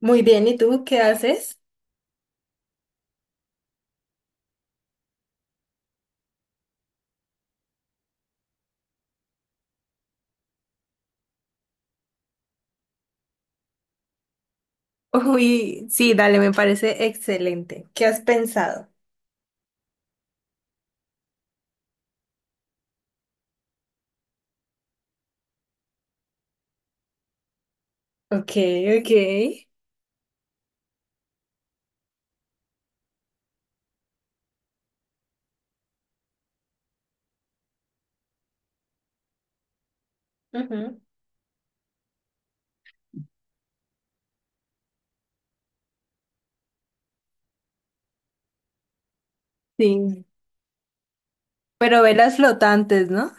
Muy bien, ¿y tú qué haces? Uy, sí, dale, me parece excelente. ¿Qué has pensado? Ok, ok. Ujú. Sí. Pero velas flotantes, ¿no?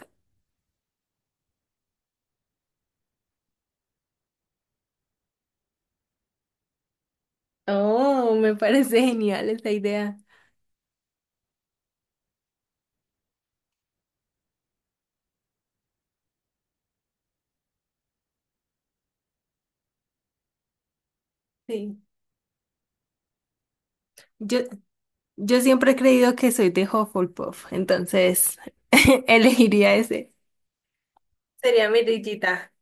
Oh, me parece genial esa idea. Sí. Yo, yo siempre he creído que soy de Hufflepuff, entonces elegiría ese. Sería mi lillita.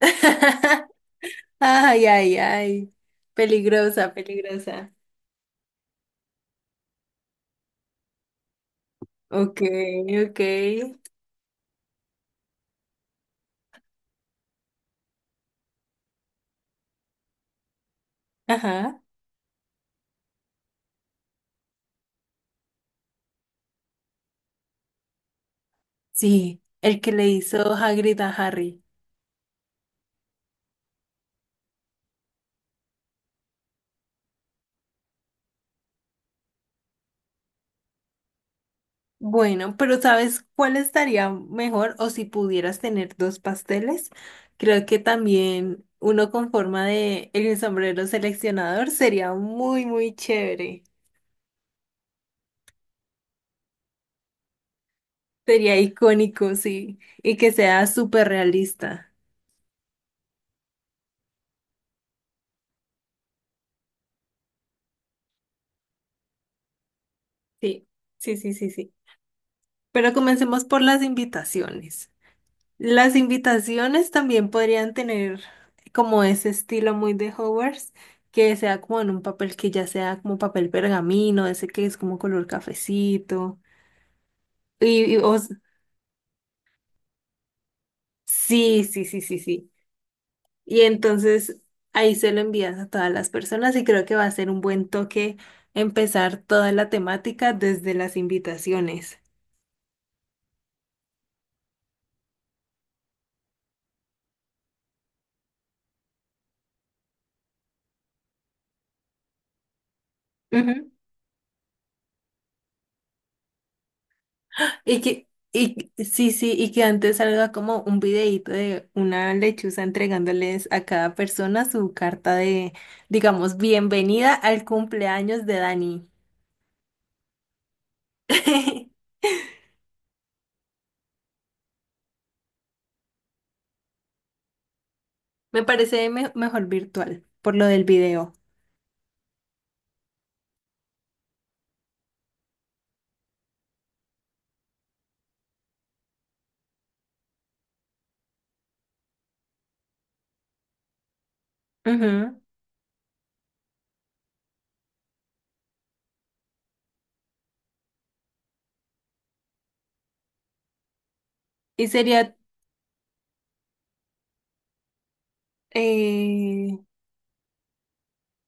Ay, ay, ay. Peligrosa, peligrosa. Ok, ok. Ajá. Sí, el que le hizo Hagrid a Harry. Bueno, pero ¿sabes cuál estaría mejor? O si pudieras tener dos pasteles, creo que también uno con forma de el sombrero seleccionador sería muy, muy chévere. Sería icónico, sí, y que sea súper realista. Sí, sí, sí, sí, sí. Pero comencemos por las invitaciones. Las invitaciones también podrían tener como ese estilo muy de Hogwarts, que sea como en un papel que ya sea como papel pergamino, ese que es como color cafecito. Y, sí, sí, sí, sí, sí. Y entonces ahí se lo envías a todas las personas y creo que va a ser un buen toque empezar toda la temática desde las invitaciones. Y sí, sí, y que antes salga como un videíto de una lechuza entregándoles a cada persona su carta de, digamos, bienvenida al cumpleaños de Dani. Me parece mejor virtual, por lo del video. Ujú. Y sería, eh,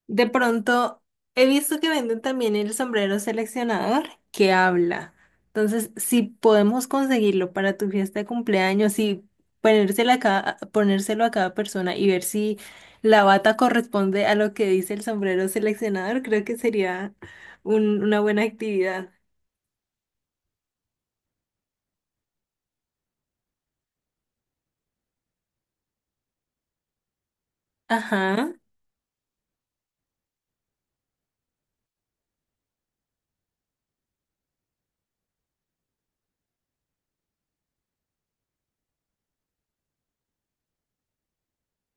de pronto, he visto que venden también el sombrero seleccionador que habla. Entonces, si podemos conseguirlo para tu fiesta de cumpleaños y ponérselo a cada persona y ver si la bata corresponde a lo que dice el sombrero seleccionador, creo que sería una buena actividad. Ajá,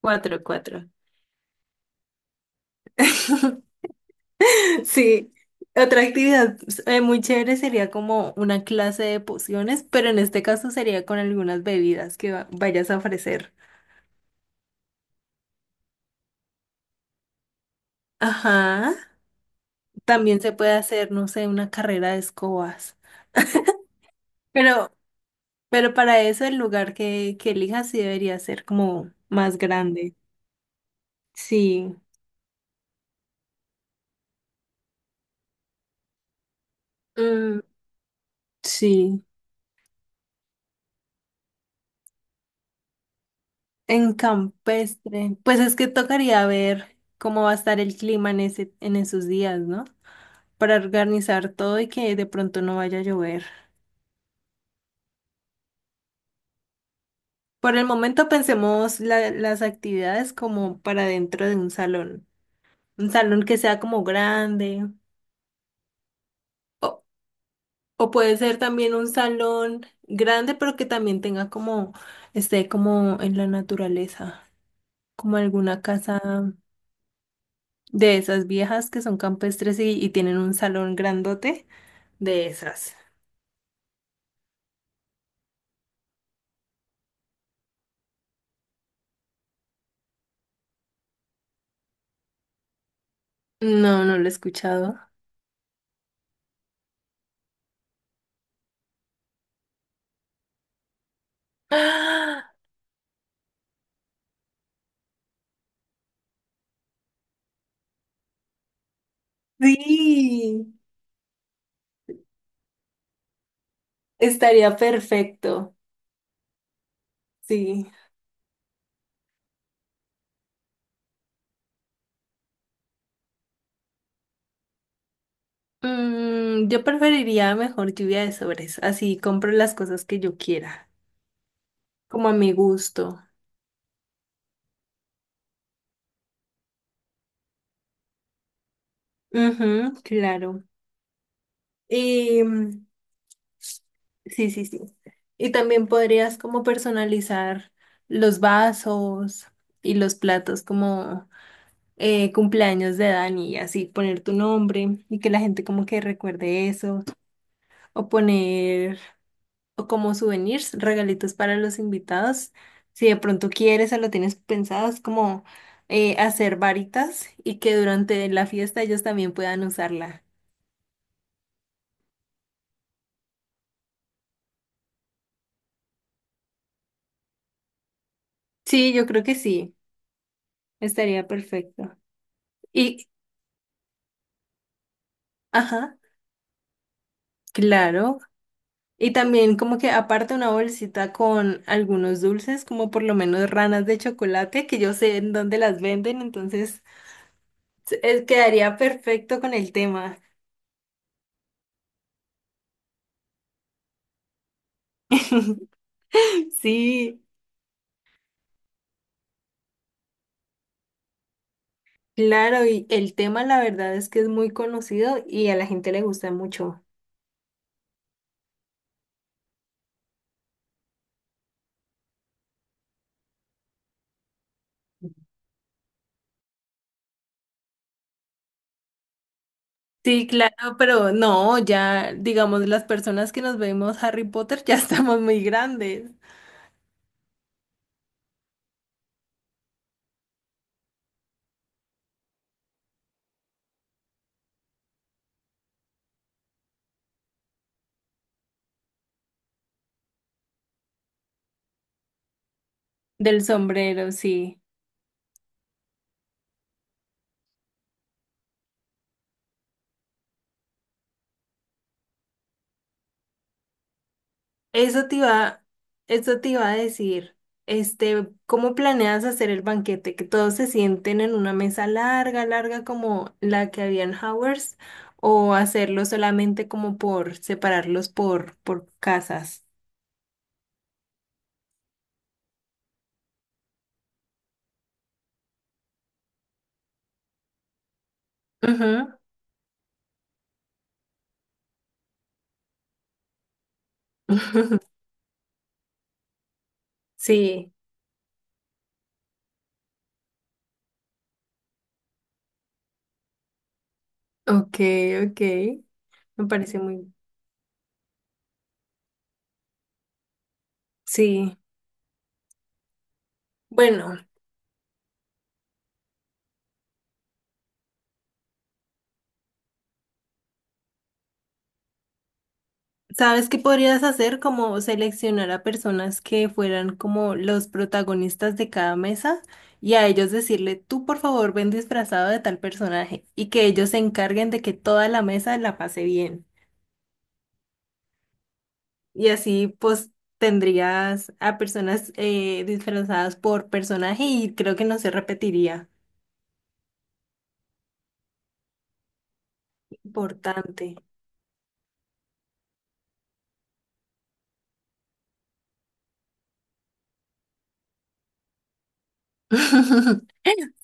cuatro, cuatro. Sí, otra actividad pues, muy chévere sería como una clase de pociones, pero en este caso sería con algunas bebidas que vayas a ofrecer. Ajá, también se puede hacer, no sé, una carrera de escobas, pero, pero para eso el lugar que elijas sí debería ser como más grande. Sí, mm, sí, en campestre. Pues es que tocaría ver cómo va a estar el clima en ese, en esos días, ¿no? Para organizar todo y que de pronto no vaya a llover. Por el momento pensemos las actividades como para dentro de un salón. Un salón que sea como grande o, o puede ser también un salón grande pero que también tenga como, esté como en la naturaleza, como alguna casa de esas viejas que son campestres y tienen un salón grandote de esas. No, no lo he escuchado. ¡Ah! Sí, estaría perfecto. Sí. Mm, yo preferiría mejor lluvia de sobres, así compro las cosas que yo quiera, como a mi gusto. Ujú, claro. Y mm, sí, sí, sí. Y también podrías como personalizar los vasos y los platos como cumpleaños de Dani, y así poner tu nombre y que la gente como que recuerde eso, o poner o como souvenirs, regalitos para los invitados. Si de pronto quieres o lo tienes pensado, es como hacer varitas y que durante la fiesta ellos también puedan usarla. Sí, yo creo que sí, estaría perfecto. Y, ajá, claro. Y también como que aparte una bolsita con algunos dulces, como por lo menos ranas de chocolate, que yo sé en dónde las venden, entonces quedaría perfecto con el tema. Sí. Claro, y el tema la verdad es que es muy conocido y a la gente le gusta mucho. Sí, claro, pero no, ya digamos las personas que nos vemos Harry Potter ya estamos muy grandes. Del sombrero, sí. Eso te iba, eso te iba a decir. Este, ¿cómo planeas hacer el banquete? ¿Que todos se sienten en una mesa larga, larga como la que había en Howard's? ¿O hacerlo solamente como por separarlos por casas? Ujú. Sí, ok, ok, me parece muy... Sí, bueno, ¿sabes qué podrías hacer? Como seleccionar a personas que fueran como los protagonistas de cada mesa y a ellos decirle, tú por favor ven disfrazado de tal personaje y que ellos se encarguen de que toda la mesa la pase bien. Y así pues tendrías a personas disfrazadas por personaje y creo que no se repetiría. Importante.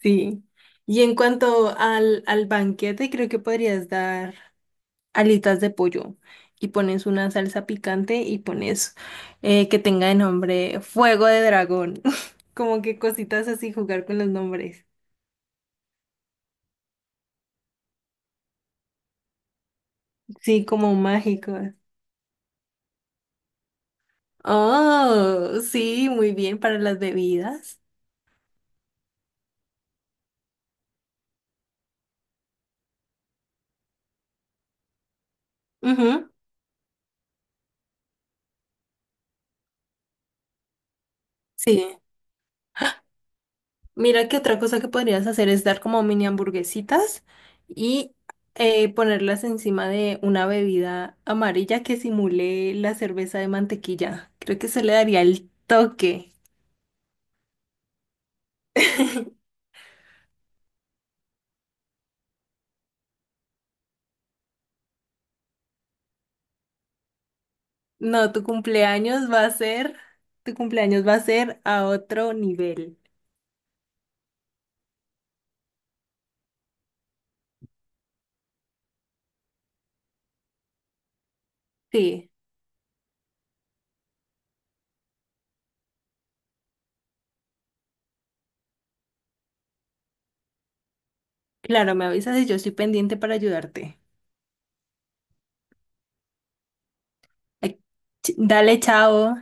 Sí. Y en cuanto al, al banquete, creo que podrías dar alitas de pollo y pones una salsa picante y pones que tenga de nombre fuego de dragón. Como que cositas así, jugar con los nombres. Sí, como mágicos. Oh, sí, muy bien para las bebidas. Ujú, sí. Mira que otra cosa que podrías hacer es dar como mini hamburguesitas y ponerlas encima de una bebida amarilla que simule la cerveza de mantequilla. Creo que eso le daría el toque. No, tu cumpleaños va a ser a otro nivel. Sí, claro, me avisas y yo estoy pendiente para ayudarte. Ay, dale, chao.